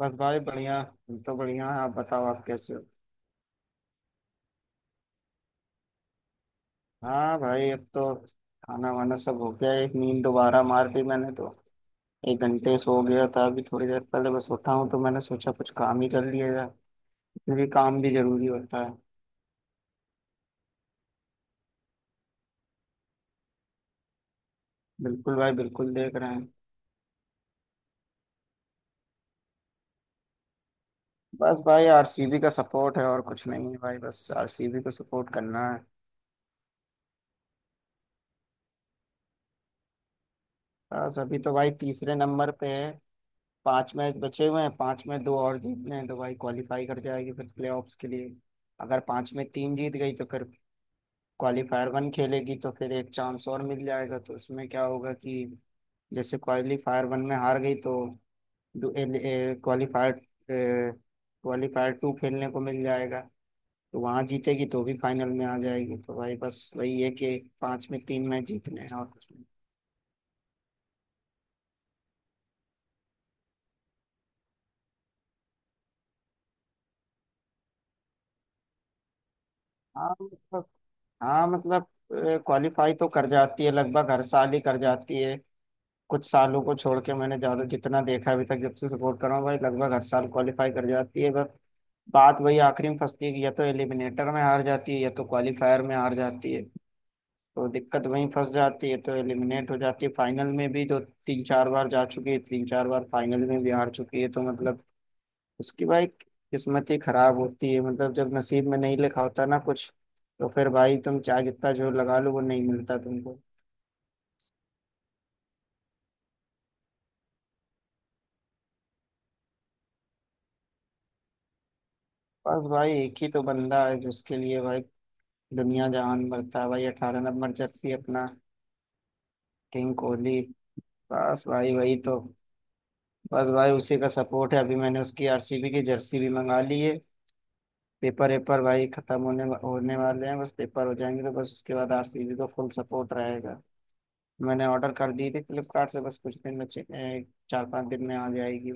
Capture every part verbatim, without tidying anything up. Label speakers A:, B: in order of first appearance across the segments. A: बस भाई बढ़िया। हम तो बढ़िया है, आप बताओ आप कैसे हो। हाँ भाई, अब तो खाना वाना सब हो गया। एक नींद दोबारा मार दी मैंने तो। एक घंटे सो गया था, अभी थोड़ी देर पहले बस उठा हूँ, तो मैंने सोचा कुछ काम ही कर लिया जाए, क्योंकि काम भी जरूरी होता है। बिल्कुल भाई, बिल्कुल देख रहे हैं। बस भाई, आरसीबी का सपोर्ट है और कुछ नहीं है भाई, बस आरसीबी को सपोर्ट करना है। बस अभी तो भाई तीसरे नंबर पे है। पांच मैच बचे हुए हैं, पांच में दो और जीतने हैं तो भाई क्वालिफाई कर जाएगी फिर प्लेऑफ्स के लिए। अगर पांच में तीन जीत गई तो फिर क्वालिफायर वन खेलेगी, तो फिर एक चांस और मिल जाएगा। तो उसमें क्या होगा कि जैसे क्वालिफायर वन में हार गई, तो क्वालिफायर क्वालिफायर टू खेलने को मिल जाएगा। तो वहां जीतेगी तो भी फाइनल में आ जाएगी। तो भाई बस वही है कि पांच में तीन मैच जीतने हैं और कुछ नहीं। हाँ मतलब, हाँ मतलब, क्वालिफाई तो कर जाती है, लगभग हर साल ही कर जाती है। कुछ सालों को छोड़ के मैंने ज्यादा जितना देखा अभी तक, जब से सपोर्ट कर रहा हूँ भाई, लगभग हर साल क्वालिफाई कर जाती है। बस बात वही आखिरी में फंसती है कि या तो एलिमिनेटर में हार जाती है या तो क्वालिफायर में हार जाती है। तो दिक्कत वहीं फंस जाती है, तो एलिमिनेट हो जाती है। फाइनल में भी तो तीन चार बार जा चुकी है, तीन चार बार फाइनल में भी हार चुकी है। तो मतलब उसकी भाई किस्मत ही खराब होती है, मतलब जब नसीब में नहीं लिखा होता ना कुछ, तो फिर भाई तुम चाहे जितना जोर लगा लो वो नहीं मिलता तुमको। बस भाई एक ही तो बंदा है जिसके लिए भाई दुनिया जहान बरता भाई, अठारह नंबर जर्सी अपना किंग कोहली। बस भाई वही तो। बस भाई उसी का सपोर्ट है। अभी मैंने उसकी आरसीबी की जर्सी भी मंगा ली है। पेपर वेपर भाई खत्म होने होने वाले हैं, बस पेपर हो जाएंगे तो बस उसके बाद आरसीबी का फुल सपोर्ट रहेगा। मैंने ऑर्डर कर दी थी फ्लिपकार्ट से, बस कुछ दिन में चे- ए, चार पांच दिन में आ जाएगी।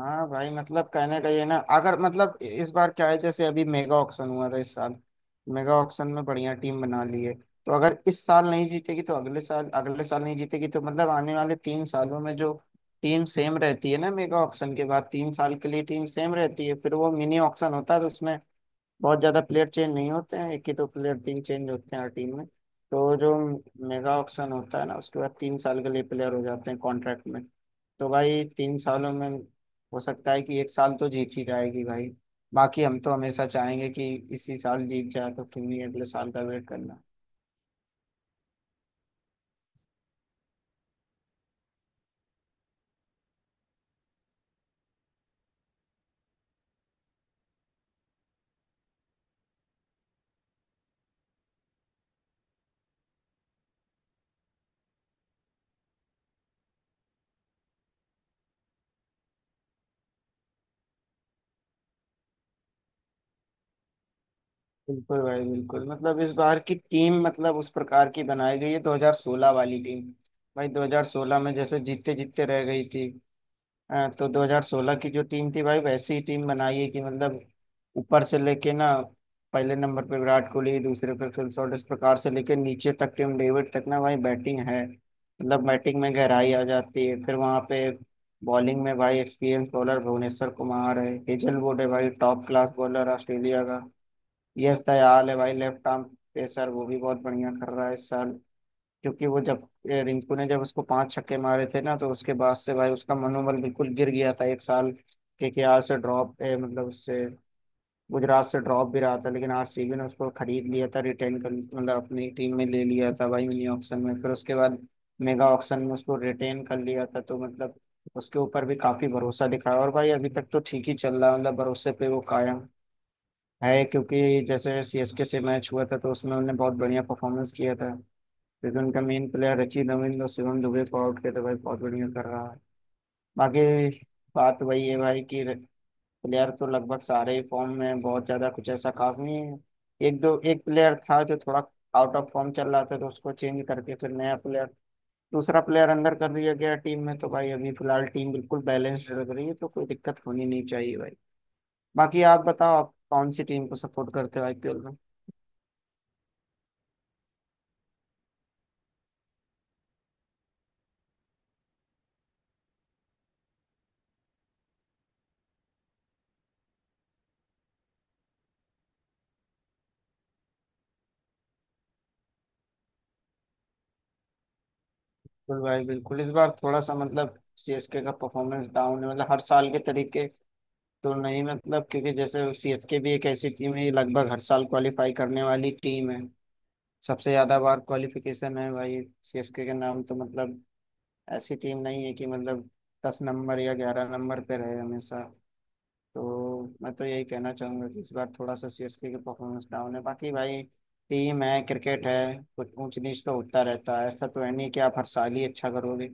A: हाँ भाई मतलब, कहने का ये ना अगर मतलब इस बार क्या है, जैसे अभी मेगा ऑक्शन हुआ था इस साल। मेगा ऑक्शन में बढ़िया टीम बना ली है। तो अगर इस साल नहीं जीतेगी तो अगले साल, अगले साल नहीं जीतेगी तो मतलब आने वाले तीन सालों में जो टीम सेम रहती है ना मेगा ऑक्शन के बाद, तीन साल के लिए टीम सेम रहती है, फिर वो मिनी ऑक्शन होता है। तो उसमें बहुत ज्यादा प्लेयर चेंज नहीं होते हैं, एक ही दो प्लेयर तीन चेंज होते हैं हर टीम में। तो जो मेगा ऑक्शन होता है ना, उसके बाद तीन साल के लिए प्लेयर हो जाते हैं कॉन्ट्रैक्ट में। तो भाई तीन सालों में हो सकता है कि एक साल तो जीत ही जाएगी भाई। बाकी हम तो हमेशा चाहेंगे कि इसी साल जीत जाए, तो क्यों नहीं, अगले साल का वेट करना। बिल्कुल भाई, बिल्कुल मतलब इस बार की टीम मतलब उस प्रकार की बनाई गई है, दो हज़ार सोलह वाली टीम भाई। दो हज़ार सोलह में जैसे जीतते जीतते रह गई थी। हाँ, तो दो हज़ार सोलह की जो टीम थी भाई वैसी ही टीम बनाई है कि मतलब ऊपर से लेके ना, पहले नंबर पे विराट कोहली, दूसरे पे फिल शॉट, इस प्रकार से लेके नीचे तक टिम डेविड तक ना भाई बैटिंग है, मतलब बैटिंग में गहराई आ जाती है। फिर वहाँ पे बॉलिंग में भाई एक्सपीरियंस बॉलर भुवनेश्वर कुमार है, हेजलवुड है भाई, टॉप क्लास बॉलर ऑस्ट्रेलिया का। यश दयाल है भाई लेफ्ट आर्म पेसर, वो भी बहुत बढ़िया कर रहा है इस साल। क्योंकि वो जब ए, रिंकू ने जब उसको पांच छक्के मारे थे ना, तो उसके बाद से भाई उसका मनोबल बिल्कुल गिर गया था। एक साल केकेआर से ड्रॉप ए, मतलब उससे गुजरात से ड्रॉप भी रहा था, लेकिन आरसीबी ने उसको खरीद लिया था, रिटेन कर मतलब अपनी टीम में ले लिया था भाई मिनी ऑक्शन में। फिर उसके बाद मेगा ऑक्शन में उसको रिटेन कर लिया था। तो मतलब उसके ऊपर भी काफी भरोसा दिखाया, और भाई अभी तक तो ठीक ही चल रहा है, मतलब भरोसे पे वो कायम है। क्योंकि जैसे सीएसके से मैच हुआ था तो उसमें उन्होंने बहुत बढ़िया परफॉर्मेंस किया था, क्योंकि उनका मेन प्लेयर रचिन रविंद्र और शिवम दुबे को आउट किया, तो भाई बहुत बढ़िया कर रहा है। बाकी बात वही है भाई कि प्लेयर तो लगभग सारे ही फॉर्म में हैं, बहुत ज्यादा कुछ ऐसा खास नहीं है। एक दो एक प्लेयर था जो थोड़ा आउट ऑफ फॉर्म चल रहा था, तो उसको चेंज करके फिर नया प्लेयर, दूसरा प्लेयर अंदर कर दिया गया टीम में। तो भाई अभी फिलहाल टीम बिल्कुल बैलेंस्ड लग रही है, तो कोई दिक्कत होनी नहीं चाहिए भाई। बाकी आप बताओ आप कौन सी टीम को सपोर्ट करते हो आईपीएल में। बिल्कुल भाई बिल्कुल, इस बार थोड़ा सा मतलब सीएसके का परफॉर्मेंस डाउन है, मतलब हर साल के तरीके तो नहीं मतलब, क्योंकि जैसे सीएसके भी एक ऐसी टीम है ये लगभग हर साल क्वालिफाई करने वाली टीम है। सबसे ज्यादा बार क्वालिफिकेशन है भाई सीएसके के नाम, तो मतलब ऐसी टीम नहीं है कि मतलब दस नंबर या ग्यारह नंबर पे रहे हमेशा। तो मैं तो यही कहना चाहूंगा कि इस बार थोड़ा सा सीएसके की परफॉर्मेंस डाउन है। बाकी भाई टीम है, क्रिकेट है, कुछ ऊंच नीच तो होता रहता है, ऐसा तो है नहीं कि आप हर साल ही अच्छा करोगे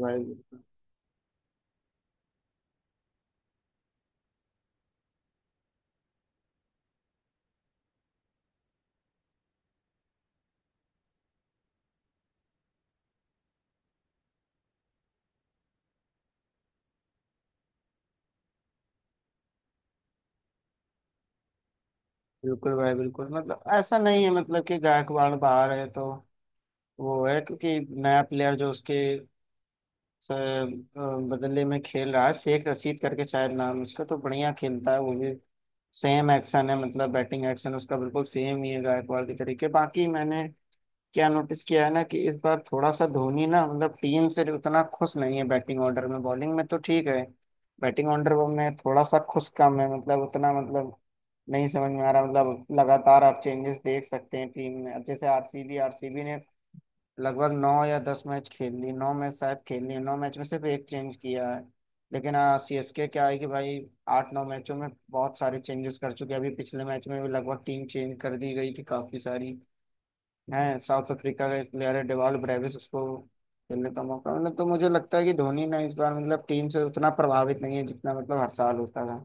A: भाई। बिल्कुल भाई बिल्कुल, मतलब ऐसा नहीं है मतलब कि गायकवाड़ बाहर है तो वो है, क्योंकि नया प्लेयर जो उसके स- अ, बदले में खेल रहा है शेख रशीद करके शायद नाम है उसका, तो बढ़िया खेलता है वो भी, सेम एक्शन है, मतलब बैटिंग एक्शन उसका बिल्कुल सेम ही है गायकवाड़ के तरीके। बाकी मैंने क्या नोटिस किया है ना कि इस बार थोड़ा सा धोनी ना मतलब टीम से उतना खुश नहीं है बैटिंग ऑर्डर में, बॉलिंग में तो ठीक है, बैटिंग ऑर्डर में थोड़ा सा खुश कम है, मतलब उतना मतलब नहीं समझ में आ रहा, मतलब लगातार आप चेंजेस देख सकते हैं टीम में। अब जैसे आरसीबी, आरसीबी ने लगभग नौ या दस मैच खेल ली, नौ मैच शायद खेल ली, नौ मैच में सिर्फ एक चेंज किया है। लेकिन सी एस के क्या है कि भाई आठ नौ मैचों में बहुत सारे चेंजेस कर चुके हैं, अभी पिछले मैच में भी लगभग टीम चेंज कर दी गई थी काफी सारी हैं। साउथ अफ्रीका का एक प्लेयर है डेवाल्ड ब्रेविस, उसको खेलने का मौका मतलब, तो मुझे लगता है कि धोनी ना इस बार मतलब टीम से उतना प्रभावित नहीं है जितना मतलब हर साल होता था।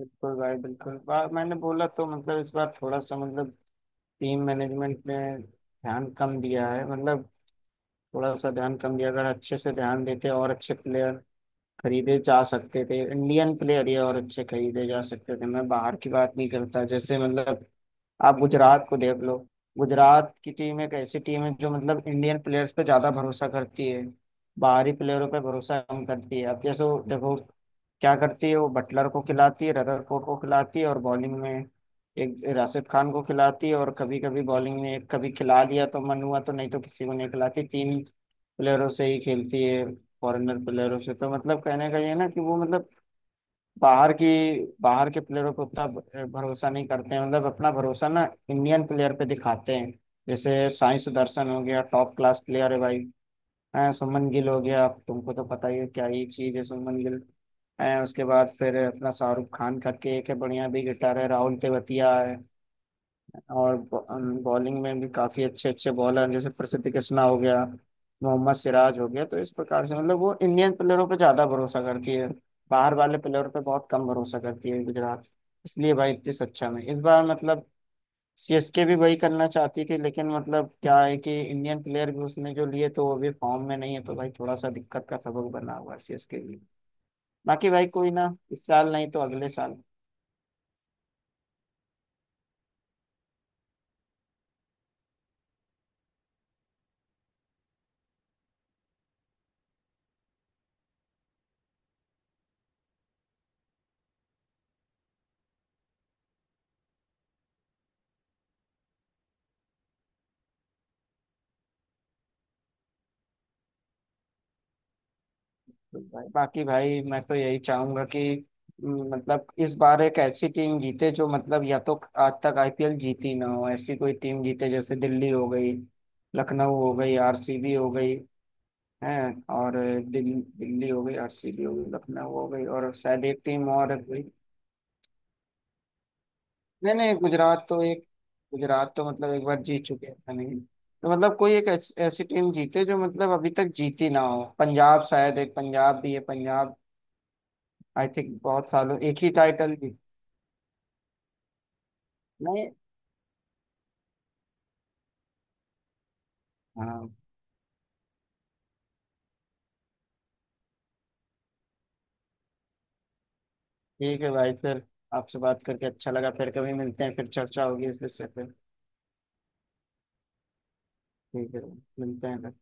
A: बिल्कुल भाई बिल्कुल, बा- मैंने बोला तो मतलब इस बार थोड़ा सा मतलब टीम मैनेजमेंट में ध्यान कम दिया है, मतलब थोड़ा सा ध्यान कम दिया, अगर अच्छे से ध्यान देते और अच्छे प्लेयर खरीदे जा सकते थे, इंडियन प्लेयर ये और अच्छे खरीदे जा सकते थे, मैं बाहर की बात नहीं करता। जैसे मतलब आप गुजरात को देख लो, गुजरात की टीम एक ऐसी टीम है जो मतलब इंडियन प्लेयर्स पे ज्यादा भरोसा करती है, बाहरी प्लेयरों पे भरोसा कम करती है। अब जैसे वो देखो क्या करती है, वो बटलर को खिलाती है, रदरफोर्ड को खिलाती है, और बॉलिंग में एक राशिद खान को खिलाती है, और कभी कभी बॉलिंग में एक कभी खिला लिया तो मन हुआ, तो नहीं तो किसी को नहीं खिलाती, तीन प्लेयरों से ही खेलती है फॉरेनर प्लेयरों से। तो मतलब कहने का ये है ना कि वो मतलब बाहर की, बाहर के प्लेयरों पे उतना भ- भरोसा नहीं करते हैं, मतलब अपना भरोसा ना इंडियन प्लेयर पे दिखाते हैं। जैसे साई सुदर्शन हो गया, टॉप क्लास प्लेयर है भाई। हाँ, सुमन गिल हो गया, आप तुमको तो पता ही है क्या ही चीज़ है सुमन गिल। है उसके बाद फिर अपना शाहरुख खान करके एक है बढ़िया, भी गिटार है, राहुल तेवतिया है, और बॉलिंग में भी काफ़ी अच्छे अच्छे बॉलर हैं, जैसे प्रसिद्ध कृष्णा हो गया, मोहम्मद सिराज हो गया। तो इस प्रकार से मतलब वो इंडियन प्लेयरों पे ज़्यादा भरोसा करती है, बाहर वाले प्लेयर पे बहुत कम भरोसा करती है गुजरात। इसलिए भाई इतनी सच्चा में, इस बार मतलब सीएसके भी वही करना चाहती थी, लेकिन मतलब क्या है कि इंडियन प्लेयर भी उसने जो लिए तो वो भी फॉर्म में नहीं है, तो भाई थोड़ा सा दिक्कत का सबब बना हुआ है सीएसके लिए। बाकी भाई कोई ना, इस साल नहीं तो अगले साल। तो भाई बाकी भाई मैं तो यही चाहूंगा कि हम्म, मतलब इस बार एक ऐसी टीम जीते जो मतलब या तो आज तक आईपीएल जीती ना हो, ऐसी कोई टीम जीते, जैसे दिल्ली हो गई, लखनऊ हो गई, आरसीबी हो गई है, और दिल्ली, दिल्ली हो गई, आरसीबी हो गई, लखनऊ हो गई, और शायद एक टीम और है कोई। नहीं नहीं, गुजरात तो एक, गुजरात तो मतलब एक बार जीत चुके हैं, ऐसा नहीं। तो मतलब कोई एक ऐस, ऐसी टीम जीते जो मतलब अभी तक जीती ना हो। पंजाब शायद, एक पंजाब भी है, पंजाब आई थिंक बहुत सालों एक ही टाइटल जीत, नहीं। हाँ ठीक है भाई फिर, आपसे बात करके अच्छा लगा, फिर कभी मिलते हैं, फिर चर्चा होगी इस विषय पे। ठीक है, मिलते हैं।